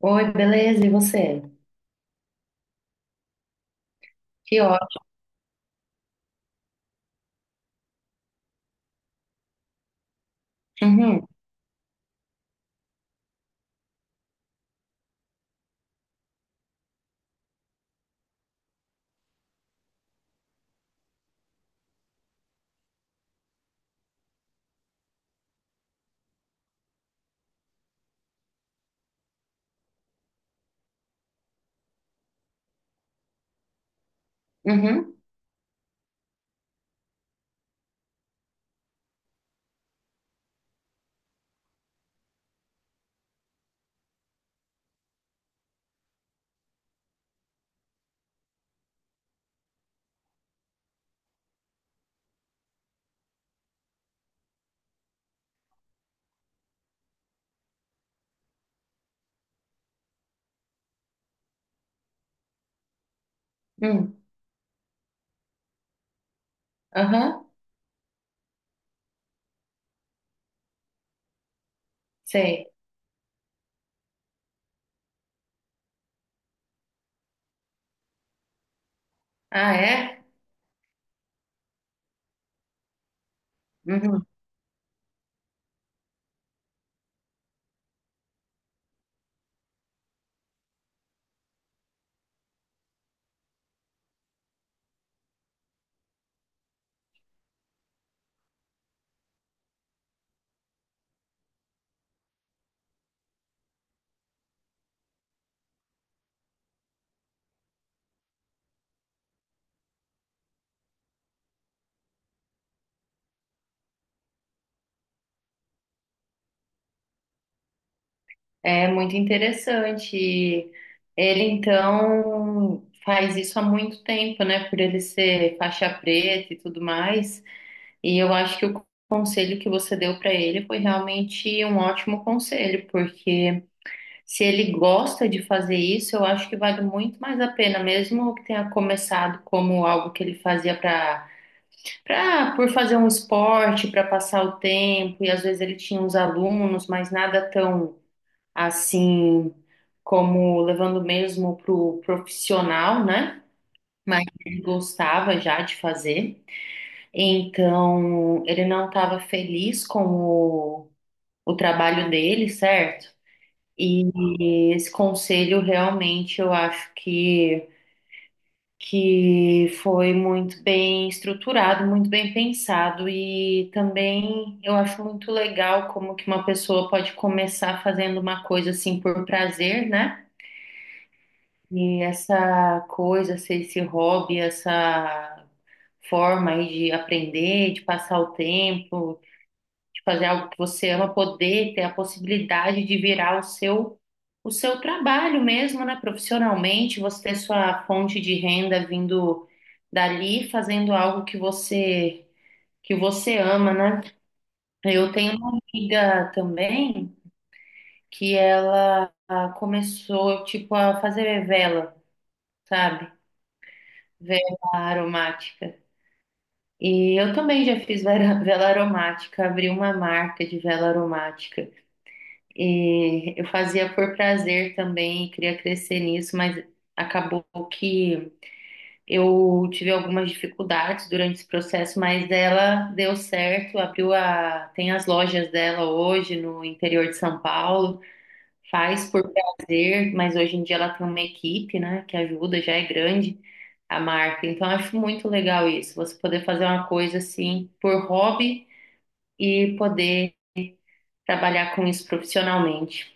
Oi, beleza, e você? Que ótimo. Uhum, uhum, uhum, aham, sei. Ah, é? Uhum. É muito interessante. Ele, então, faz isso há muito tempo, né? Por ele ser faixa preta e tudo mais. E eu acho que o conselho que você deu para ele foi realmente um ótimo conselho, porque se ele gosta de fazer isso, eu acho que vale muito mais a pena, mesmo que tenha começado como algo que ele fazia para por fazer um esporte, para passar o tempo, e às vezes ele tinha uns alunos, mas nada tão assim como levando mesmo pro profissional, né? Mas ele gostava já de fazer. Então, ele não estava feliz com o trabalho dele, certo? E esse conselho realmente eu acho que foi muito bem estruturado, muito bem pensado e também eu acho muito legal como que uma pessoa pode começar fazendo uma coisa assim por prazer, né? E essa coisa, esse hobby, essa forma aí de aprender, de passar o tempo, de fazer algo que você ama, poder ter a possibilidade de virar o seu trabalho mesmo, né? Profissionalmente, você ter sua fonte de renda vindo dali, fazendo algo que você ama, né? Eu tenho uma amiga também que ela começou tipo a fazer vela, sabe? Vela aromática. E eu também já fiz vela vela aromática, abri uma marca de vela aromática. E eu fazia por prazer também, e queria crescer nisso, mas acabou que eu tive algumas dificuldades durante esse processo, mas ela deu certo, abriu a, tem as lojas dela hoje no interior de São Paulo, faz por prazer, mas hoje em dia ela tem uma equipe, né, que ajuda, já é grande a marca. Então eu acho muito legal isso, você poder fazer uma coisa assim por hobby e poder trabalhar com isso profissionalmente.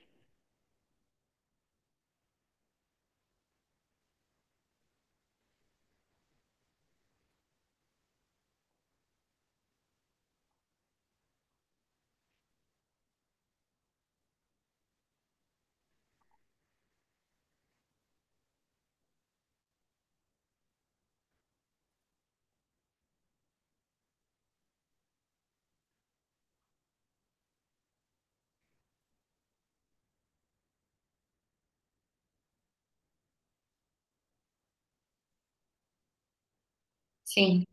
Sim,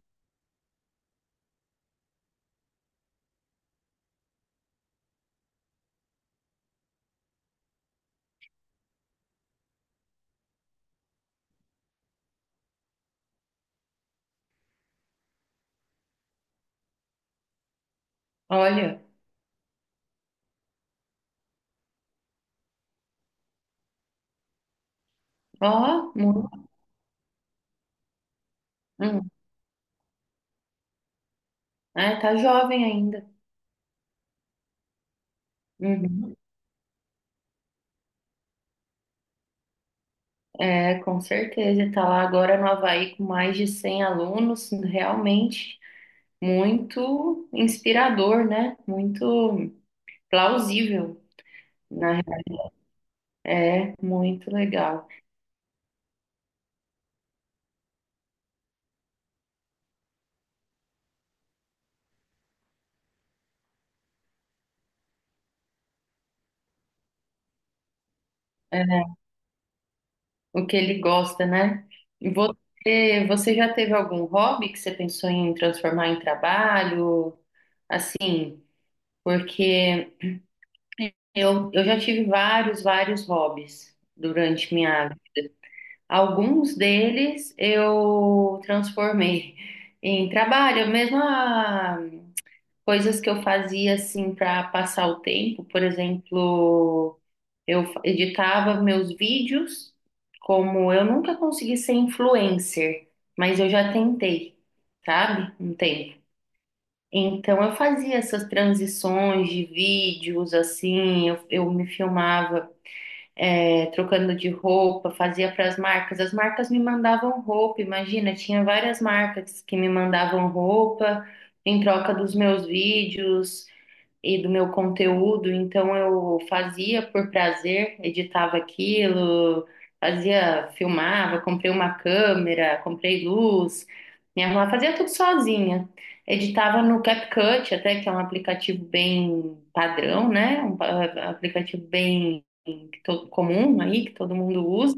olha. Ó, muito. Hum. É, tá jovem ainda. Uhum. É, com certeza. Tá lá agora no Havaí com mais de 100 alunos. Realmente muito inspirador, né? Muito plausível, né? É, muito legal. É, o que ele gosta, né? E você, você já teve algum hobby que você pensou em transformar em trabalho? Assim, porque eu já tive vários, vários hobbies durante minha Alguns deles eu transformei em trabalho, mesmo coisas que eu fazia assim para passar o tempo, por exemplo, eu editava meus vídeos, como eu nunca consegui ser influencer, mas eu já tentei, sabe? Um tempo. Então eu fazia essas transições de vídeos assim, eu me filmava é, trocando de roupa, fazia para as marcas. As marcas me mandavam roupa, imagina, tinha várias marcas que me mandavam roupa em troca dos meus vídeos e do meu conteúdo, então eu fazia por prazer, editava aquilo, fazia, filmava, comprei uma câmera, comprei luz, minha irmã fazia tudo sozinha. Editava no CapCut, até que é um aplicativo bem padrão, né? Um aplicativo bem que comum aí, que todo mundo usa.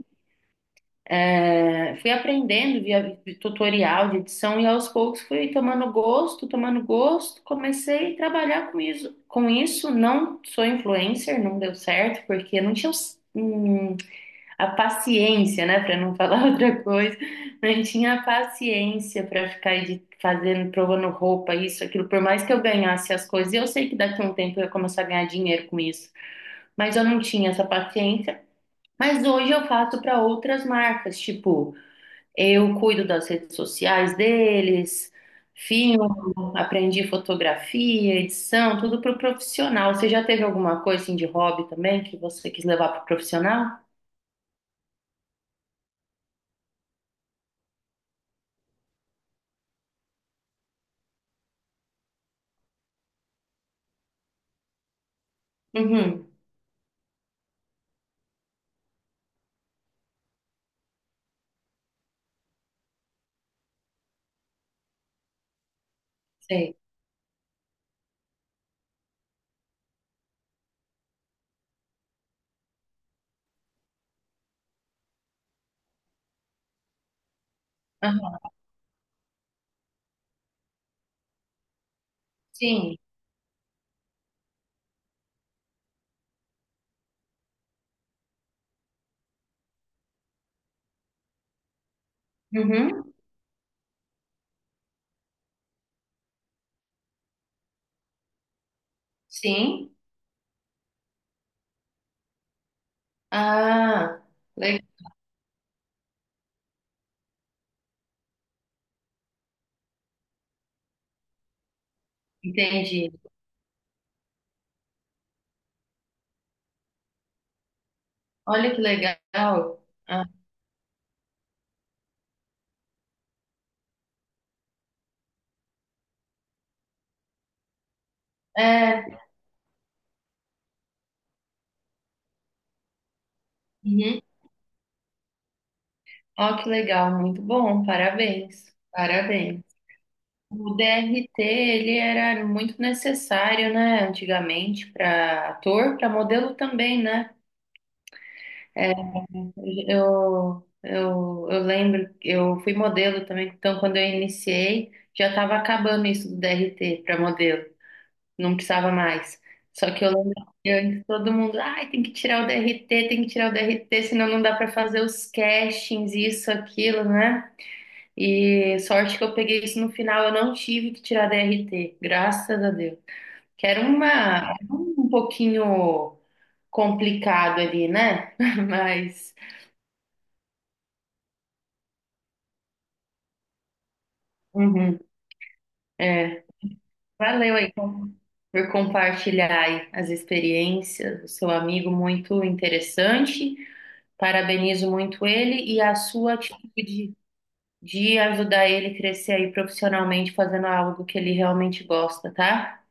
É, fui aprendendo via tutorial de edição e aos poucos fui tomando gosto, comecei a trabalhar com isso. Com isso, não sou influencer, não deu certo, porque não tinha a paciência, né, para não falar outra coisa, não tinha a paciência para ficar fazendo, provando roupa, isso, aquilo, por mais que eu ganhasse as coisas, e eu sei que daqui a um tempo eu ia começar a ganhar dinheiro com isso, mas eu não tinha essa paciência. Mas hoje eu faço para outras marcas, tipo. Eu cuido das redes sociais deles, filmo, aprendi fotografia, edição, tudo para o profissional. Você já teve alguma coisa assim de hobby também que você quis levar para o profissional? Uhum, sei. Aham, sim. Uhum, sim. Ah, le- entendi. Olha que legal. Ah, é. Uhum. Ó, que legal, muito bom. Parabéns. Parabéns. O DRT, ele era muito necessário, né, antigamente, para ator, para modelo também, né? Eu lembro, que eu fui modelo também, então quando eu iniciei, já estava acabando isso do DRT para modelo, não precisava mais. Só que eu lembro que antes todo mundo, ai, tem que tirar o DRT, tem que tirar o DRT, senão não dá para fazer os castings, isso, aquilo, né? E sorte que eu peguei isso no final, eu não tive que tirar DRT, graças a Deus. Que era uma, um pouquinho complicado ali, né? Mas, uhum, é. Valeu aí por compartilhar aí as experiências, o seu amigo muito interessante. Parabenizo muito ele e a sua atitude de ajudar ele crescer aí profissionalmente, fazendo algo que ele realmente gosta, tá?